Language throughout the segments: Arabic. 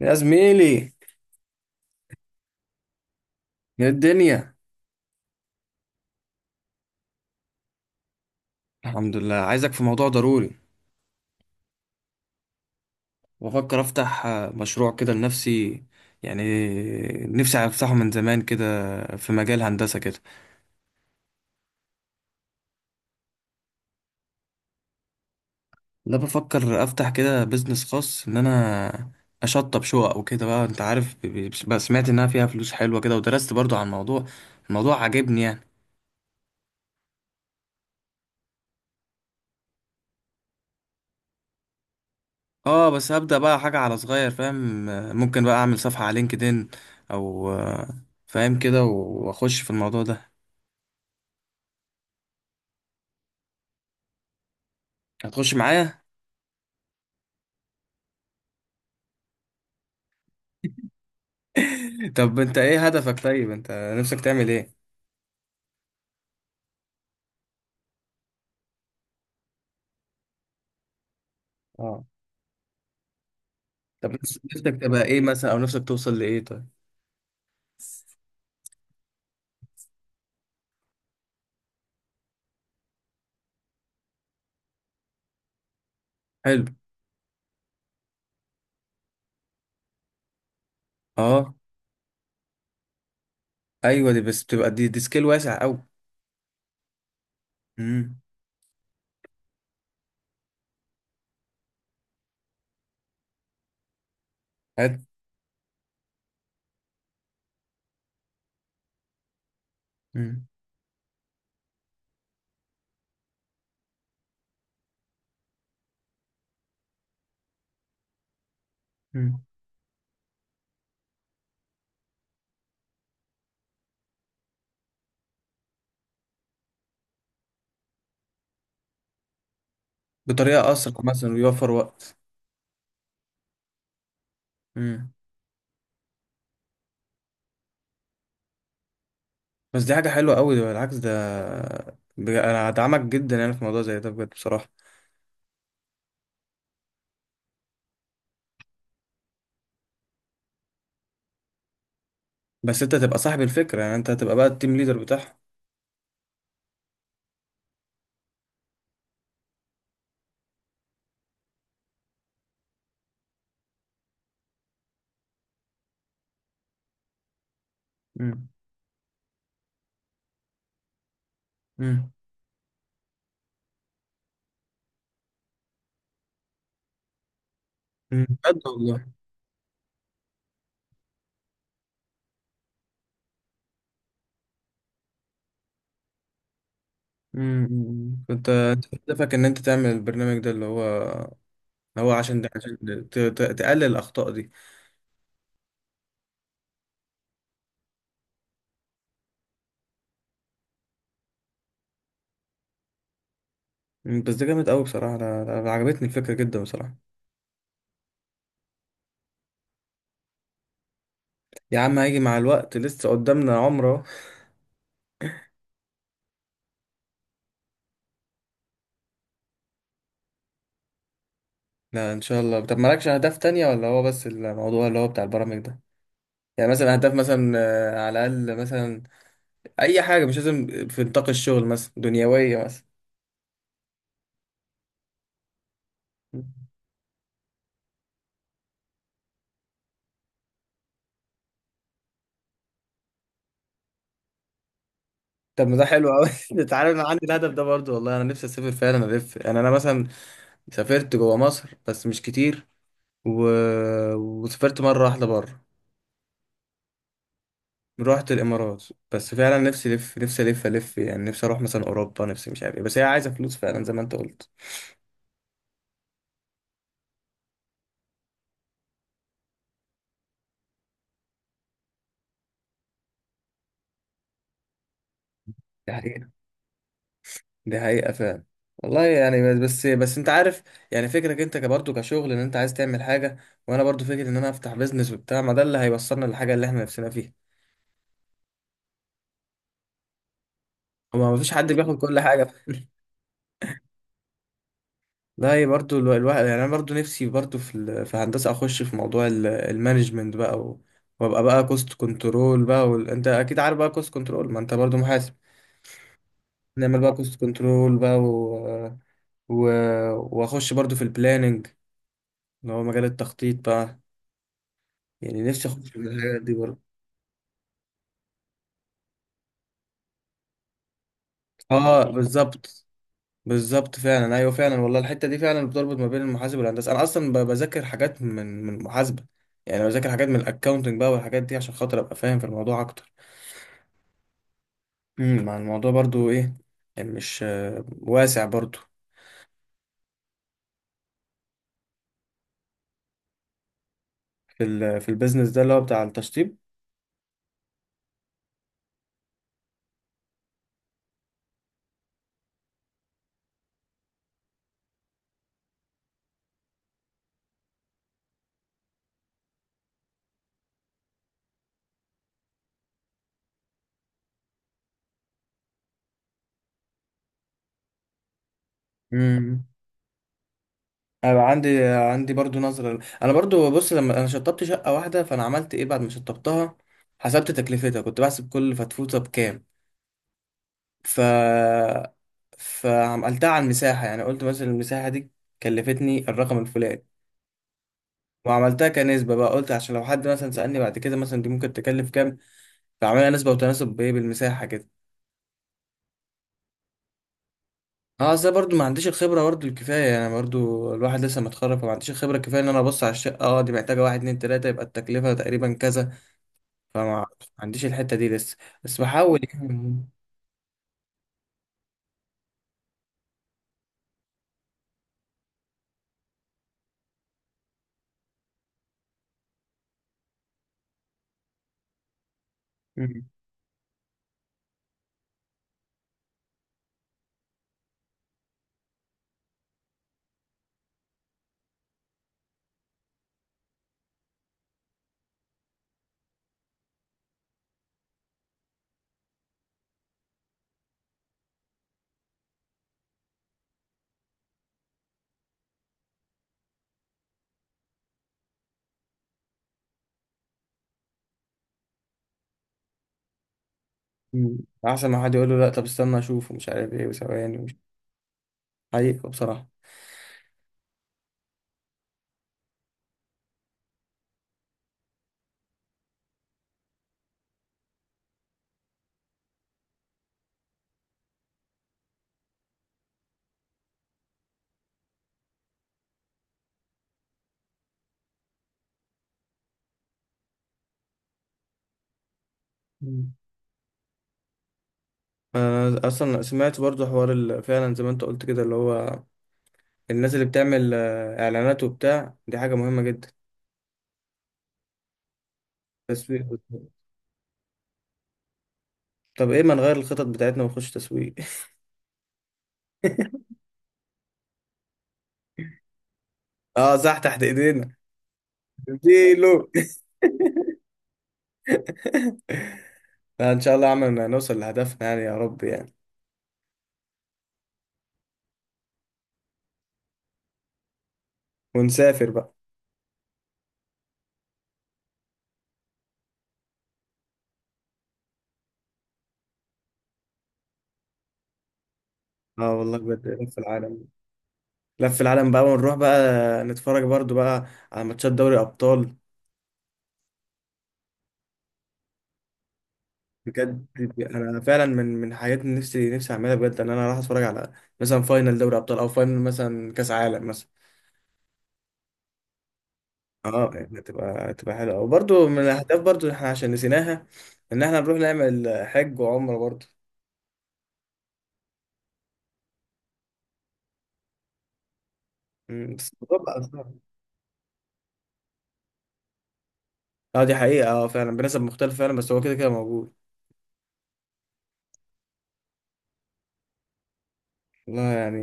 يا زميلي، يا الدنيا. الحمد لله، عايزك في موضوع ضروري. وافكر افتح مشروع كده لنفسي، يعني نفسي افتحه من زمان كده، في مجال هندسة كده. لا، بفكر افتح كده بيزنس خاص ان انا اشطب شقق وكده بقى، انت عارف، بقى سمعت انها فيها فلوس حلوة كده ودرست برضو عن الموضوع، الموضوع عاجبني يعني. اه، بس هبدأ بقى حاجة على صغير، فاهم، ممكن بقى اعمل صفحة على لينكدين او فاهم كده واخش في الموضوع ده. هتخش معايا؟ طب انت ايه هدفك؟ طيب انت نفسك تعمل ايه؟ اه، طب نفسك تبقى ايه مثلا او نفسك توصل لايه طيب؟ حلو. اه، ايوه دي بس بتبقى دي سكيل واسع قوي. امم. حلو. امم. امم. بطريقه اسرع مثلا ويوفر وقت. امم. بس دي حاجه حلوه قوي، ده بالعكس ده، انا هدعمك جدا يعني في موضوع زي ده، بجد بصراحه. بس انت تبقى صاحب الفكره، يعني انت هتبقى بقى التيم ليدر بتاعها. امم. امم. بجد والله. كنت أنت هدفك ان انت تعمل البرنامج ده اللي هو اللي هو عشان ده عشان تقلل الاخطاء دي؟ مم، بس ده جامد قوي بصراحه، انا أنا عجبتني الفكره جدا بصراحه. يا عم هيجي مع الوقت، لسه قدامنا عمره. لا، ان شاء الله. طب مالكش اهداف تانية، ولا هو بس الموضوع اللي هو بتاع البرامج ده؟ يعني مثلا اهداف مثلا على الاقل مثلا، اي حاجه مش لازم في نطاق الشغل، مثلا دنيويه مثلا. طب ما ده حلو قوي تعالى انا عندي الهدف ده برضو، والله انا نفسي اسافر فعلا الف، يعني انا مثلا سافرت جوه مصر بس مش كتير، و... وسافرت مرة واحدة بره، رحت الإمارات. بس فعلا نفسي ألف، نفسي ألف ألف، يعني نفسي أروح مثلا أوروبا، نفسي مش عارف إيه، بس هي عايزة فلوس فعلا زي ما أنت قلت. دي حقيقة. دي حقيقة فعلا. والله يعني، بس بس بس أنت عارف، يعني فكرك أنت برضه كشغل إن أنت عايز تعمل حاجة، وأنا برضه فكرة إن أنا أفتح بيزنس وبتاع، ما ده اللي هيوصلنا للحاجة اللي إحنا نفسنا فيها. هو ما فيش حد بياخد كل حاجة. لا، هي برضو الواحد يعني، انا برضو نفسي برضو في في هندسه اخش في موضوع المانجمنت بقى، و- وابقى بقى كوست كنترول بقى، وال... انت اكيد عارف بقى كوست كنترول، ما انت برضو محاسب. نعمل بقى كوست كنترول بقى، و... و... واخش برضو في البلاننج، اللي هو مجال التخطيط بقى، يعني نفسي اخش في الحاجات دي برضو. اه بالظبط. بالظبط فعلا، ايوه فعلا والله، الحته دي فعلا بتربط ما بين المحاسب والهندسه. انا اصلا بذاكر حاجات من المحاسبه، يعني بذاكر حاجات من الاكاونتنج بقى والحاجات دي عشان خاطر ابقى فاهم في الموضوع اكتر. مع الموضوع برضو ايه، يعني مش واسع برضو. في ال في البيزنس ده اللي هو بتاع التشطيب. امم. انا بقى عندي برضو نظرة، انا برضو بص، لما انا شطبت شقة واحدة فانا عملت ايه بعد ما شطبتها؟ حسبت تكلفتها، كنت بحسب كل فتفوتة بكام. ف فعملتها على المساحة، يعني قلت مثلا المساحة دي كلفتني الرقم الفلاني. وعملتها كنسبة بقى، قلت عشان لو حد مثلا سألني بعد كده مثلا دي ممكن تكلف كام. فعملها نسبة وتناسب بايه بالمساحة كده. اه اصل أنا برضو ما عنديش الخبره برضو الكفايه، انا برضو الواحد لسه متخرج فما عنديش الخبره الكفايه ان انا ابص على الشقه، اه دي محتاجه واحد اتنين تلاته يبقى التكلفه تقريبا كذا. فما عنديش الحته دي لسه، بس بحاول يعني. مم. مم. احسن ما حد يقول له لا طب استنى اشوف ومش عارف ايه وثواني مش، حقيقه بصراحه. مم. انا اصلا سمعت برضو حوار فعلا زي ما انت قلت كده اللي هو الناس اللي بتعمل اعلانات وبتاع، دي حاجه مهمه جدا. تسويق. طب ايه ما نغير الخطط بتاعتنا ونخش تسويق؟ اه صح، تحت ايدينا. اديله. لا ان شاء الله عملنا نوصل لهدفنا يعني، يا رب يعني. ونسافر بقى. اه والله بجد، لف العالم. لف العالم بقى ونروح بقى نتفرج برضو بقى على ماتشات دوري ابطال. بجد، انا فعلا من حاجات نفسي نفسي اعملها بجد ان انا اروح اتفرج على مثلا فاينل دوري ابطال او فاينل مثلا كاس عالم مثلا. اه يعني هتبقى حلوه، وبرضو من الاهداف برضو احنا عشان نسيناها، ان احنا نروح نعمل حج وعمره برضو. مم، بس الموضوع بقى صعب. اه دي حقيقة، اه فعلا بنسب مختلفة فعلا، بس هو كده كده موجود. والله يعني،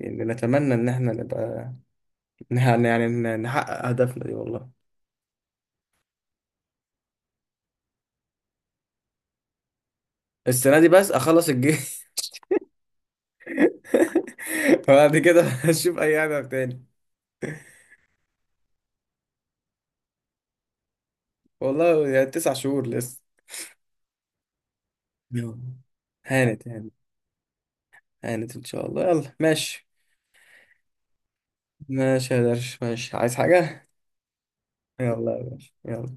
يعني نتمنى ان احنا نبقى، يعني نحقق هدفنا دي والله. السنة دي بس اخلص الجيش. وبعد كده اشوف اي هدف تاني. والله يعني 9 شهور لسه. يلا. هانت هانت. هانت ان شاء الله، يلا ماشي. ماشي يا درش، ماشي، عايز حاجة؟ يلا يا باشا يلا.